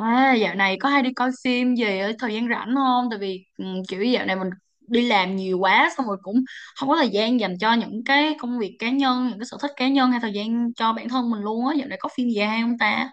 À, dạo này có hay đi coi phim gì ở thời gian rảnh không? Tại vì kiểu dạo này mình đi làm nhiều quá xong rồi cũng không có thời gian dành cho những cái công việc cá nhân, những cái sở thích cá nhân hay thời gian cho bản thân mình luôn á. Dạo này có phim gì hay không ta?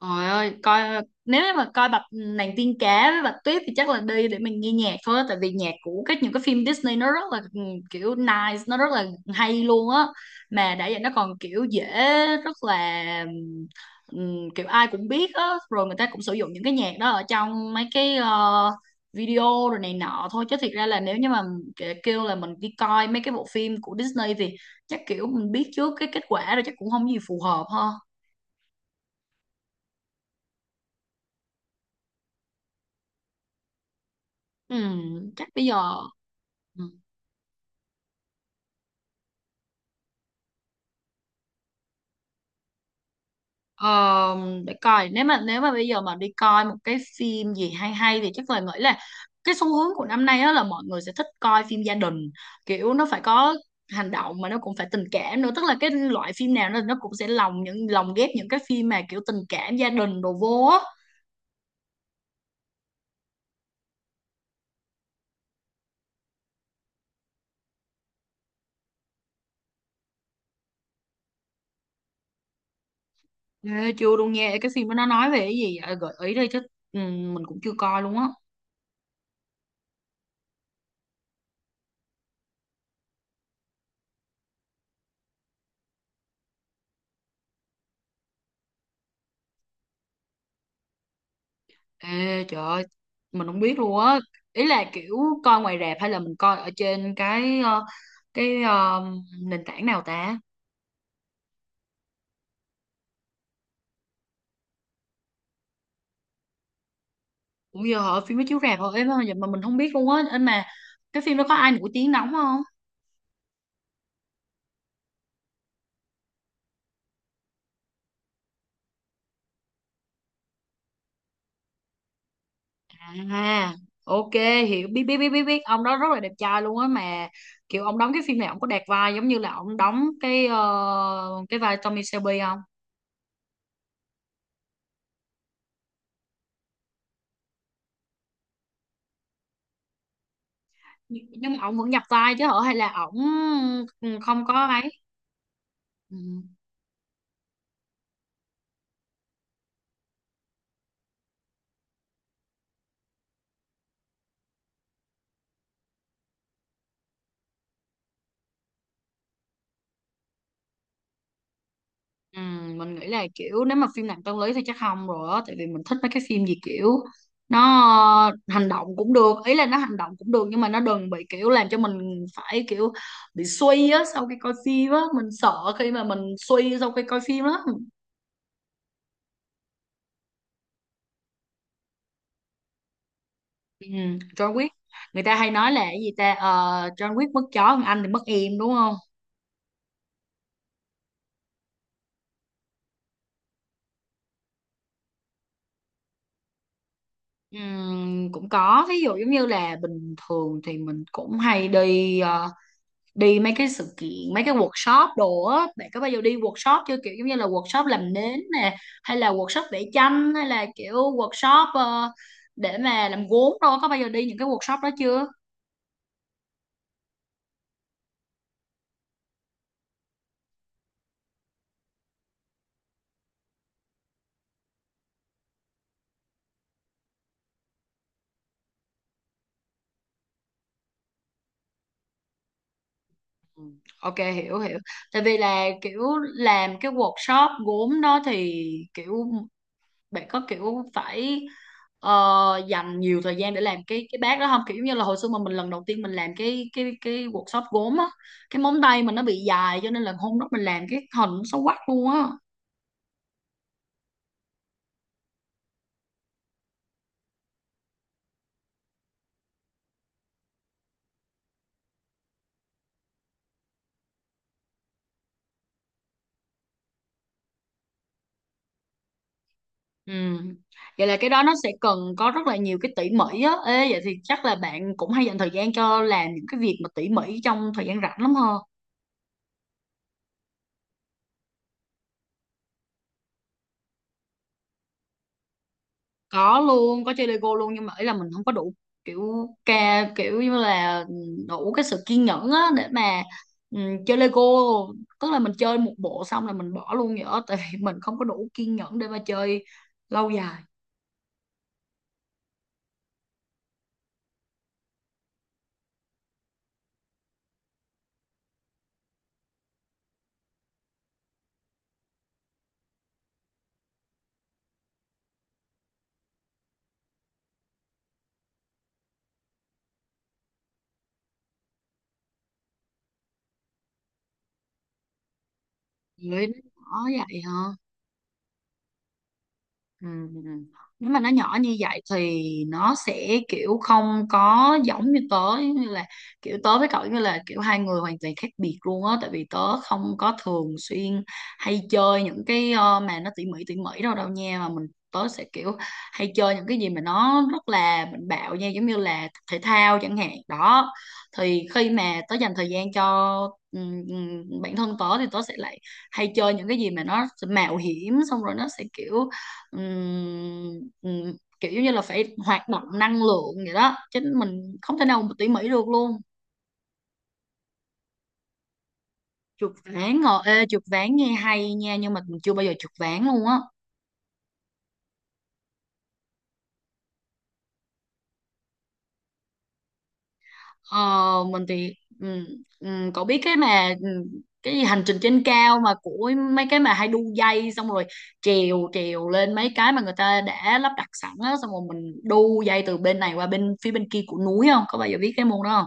Trời ơi, nếu mà coi bạch nàng tiên cá với bạch tuyết thì chắc là đi để mình nghe nhạc thôi á, tại vì nhạc của những cái phim Disney nó rất là kiểu nice, nó rất là hay luôn á. Mà đã vậy nó còn kiểu dễ rất là kiểu ai cũng biết á, rồi người ta cũng sử dụng những cái nhạc đó ở trong mấy cái video rồi này nọ thôi chứ thiệt ra là nếu như mà kêu là mình đi coi mấy cái bộ phim của Disney thì chắc kiểu mình biết trước cái kết quả rồi chắc cũng không gì phù hợp ha. Ừ, chắc bây giờ ừ, ờ, để coi nếu mà bây giờ mà đi coi một cái phim gì hay hay thì chắc là nghĩ là cái xu hướng của năm nay á là mọi người sẽ thích coi phim gia đình, kiểu nó phải có hành động mà nó cũng phải tình cảm nữa, tức là cái loại phim nào nó cũng sẽ lồng ghép những cái phim mà kiểu tình cảm gia đình đồ vô á. Ê, chưa luôn nha, cái phim đó nó nói về cái gì vậy? Gợi ý đi chứ, ừ, mình cũng chưa coi luôn á. Ê, trời ơi, mình không biết luôn á. Ý là kiểu coi ngoài rạp hay là mình coi ở trên cái nền tảng nào ta? Cũng giờ họ phim nó chiếu rạp thôi em vậy mà mình không biết luôn á. Anh mà cái phim đó có ai nổi tiếng đóng không? À, ok, hiểu, biết biết biết biết biết ông đó rất là đẹp trai luôn á, mà kiểu ông đóng cái phim này ông có đạt vai giống như là ông đóng cái vai Tommy Shelby không? Nhưng mà ông vẫn nhập vai chứ hả hay là ổng không có ấy? Ừ. Ừ, mình nghĩ là kiểu nếu mà phim nặng tâm lý thì chắc không rồi á, tại vì mình thích mấy cái phim gì kiểu nó hành động cũng được, ý là nó hành động cũng được nhưng mà nó đừng bị kiểu làm cho mình phải kiểu bị suy á sau khi coi phim á, mình sợ khi mà mình suy sau khi coi phim lắm. ừ, John Wick, người ta hay nói là cái gì ta. Ờ, John Wick mất chó còn anh thì mất em đúng không? Cũng có, ví dụ giống như là bình thường thì mình cũng hay đi mấy cái sự kiện, mấy cái workshop đồ á, bạn có bao giờ đi workshop chưa, kiểu giống như là workshop làm nến nè hay là workshop vẽ tranh hay là kiểu workshop để mà làm gốm, đâu có bao giờ đi những cái workshop đó chưa? Ừ. Ok, hiểu hiểu, tại vì là kiểu làm cái workshop gốm đó thì kiểu bạn có kiểu phải ờ, dành nhiều thời gian để làm cái bát đó không, kiểu như là hồi xưa mà mình lần đầu tiên mình làm cái workshop gốm á, cái móng tay mình nó bị dài cho nên là hôm đó mình làm cái hình nó xấu quắc luôn á. Ừ. Vậy là cái đó nó sẽ cần có rất là nhiều cái tỉ mỉ á. Ê, vậy thì chắc là bạn cũng hay dành thời gian cho làm những cái việc mà tỉ mỉ trong thời gian rảnh lắm ha? Có luôn, có chơi Lego luôn nhưng mà ý là mình không có đủ kiểu kiểu như là đủ cái sự kiên nhẫn á để mà ừ, chơi Lego, tức là mình chơi một bộ xong là mình bỏ luôn vậy đó, tại vì mình không có đủ kiên nhẫn để mà chơi lâu dài. Vậy nó bỏ vậy hả? Ừ. Ừ, ừ. Nếu mà nó nhỏ như vậy thì nó sẽ kiểu không có giống như là kiểu tớ với cậu giống như là kiểu hai người hoàn toàn khác biệt luôn á, tại vì tớ không có thường xuyên hay chơi những cái mà nó tỉ mỉ đâu đâu nha, mà tớ sẽ kiểu hay chơi những cái gì mà nó rất là mạnh bạo nha, giống như là thể thao chẳng hạn đó. Thì khi mà tớ dành thời gian cho bản thân tớ thì tớ sẽ lại hay chơi những cái gì mà nó mạo hiểm, xong rồi nó sẽ kiểu kiểu như là phải hoạt động năng lượng vậy đó, chứ mình không thể nào mà tỉ mỉ được luôn. Chụp ván ngồi, ê trượt ván nghe hay nha nhưng mà mình chưa bao giờ chụp ván luôn á. Ờ, mình thì ừm, cậu biết cái mà cái gì hành trình trên cao mà của mấy cái mà hay đu dây xong rồi trèo trèo lên mấy cái mà người ta đã lắp đặt sẵn á, xong rồi mình đu dây từ bên này qua bên phía bên kia của núi, không có bao giờ biết cái môn đó không?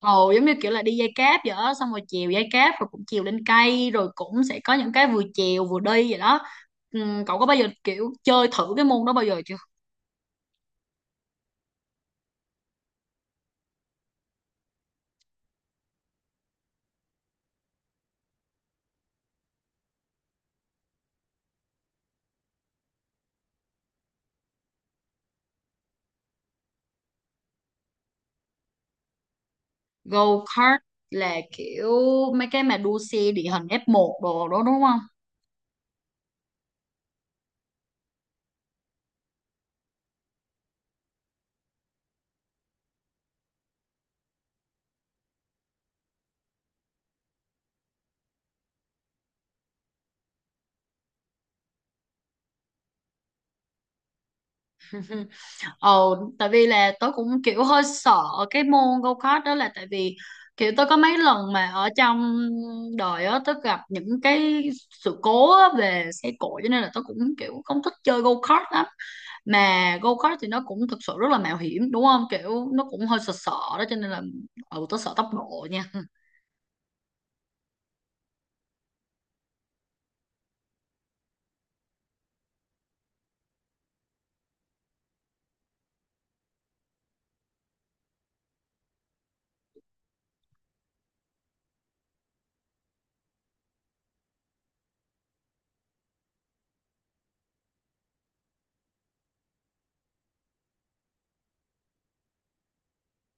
Ồ, giống như kiểu là đi dây cáp vậy đó, xong rồi chèo dây cáp rồi cũng chèo lên cây rồi cũng sẽ có những cái vừa chèo vừa đi vậy đó. Cậu có bao giờ kiểu chơi thử cái môn đó bao giờ chưa? Go kart là kiểu mấy cái mà đua xe địa hình F1 đồ đó đúng không? Ồ, tại vì là tôi cũng kiểu hơi sợ cái môn go kart đó là tại vì kiểu tôi có mấy lần mà ở trong đời á tôi gặp những cái sự cố á về xe cộ cho nên là tôi cũng kiểu không thích chơi go kart lắm, mà go kart thì nó cũng thực sự rất là mạo hiểm đúng không, kiểu nó cũng hơi sợ sợ đó cho nên là tôi sợ tốc độ nha.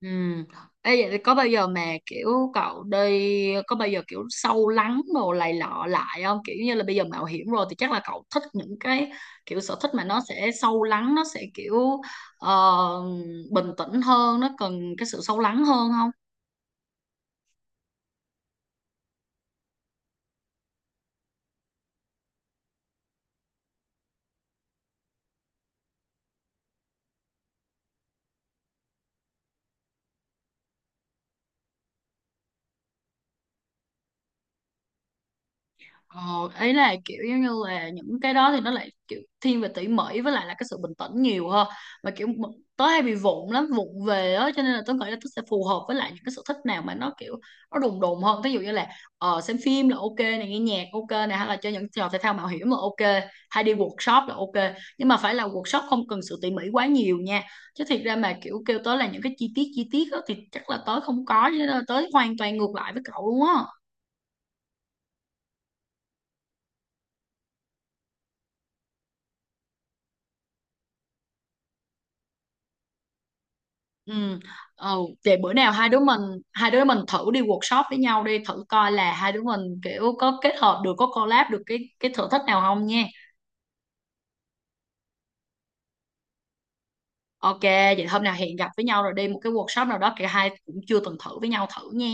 Ừ. Ê, vậy thì có bao giờ mà kiểu cậu đi có bao giờ kiểu sâu lắng đồ này lọ lại không, kiểu như là bây giờ mạo hiểm rồi thì chắc là cậu thích những cái kiểu sở thích mà nó sẽ sâu lắng, nó sẽ kiểu ờ, bình tĩnh hơn, nó cần cái sự sâu lắng hơn không? Ờ, Ý là kiểu giống như là những cái đó thì nó lại kiểu thiên về tỉ mỉ với lại là cái sự bình tĩnh nhiều hơn, mà kiểu tớ hay bị vụng lắm, vụng về á, cho nên là tớ nghĩ là tớ sẽ phù hợp với lại những cái sở thích nào mà nó kiểu nó đùng đùng hơn, ví dụ như là xem phim là ok này, nghe nhạc ok này, hay là chơi những trò thể thao mạo hiểm là ok, hay đi workshop là ok nhưng mà phải là workshop không cần sự tỉ mỉ quá nhiều nha, chứ thiệt ra mà kiểu kêu tớ là những cái chi tiết á thì chắc là tớ không có, cho nên là tớ hoàn toàn ngược lại với cậu luôn á. Ừ. Ờ, Vậy bữa nào hai đứa mình thử đi workshop với nhau đi, thử coi là hai đứa mình kiểu có kết hợp được, có collab được cái sở thích nào không nha. Ok, vậy hôm nào hẹn gặp với nhau rồi đi một cái workshop nào đó cả hai cũng chưa từng thử với nhau thử nha.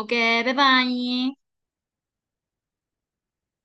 Ok, bye bye nha.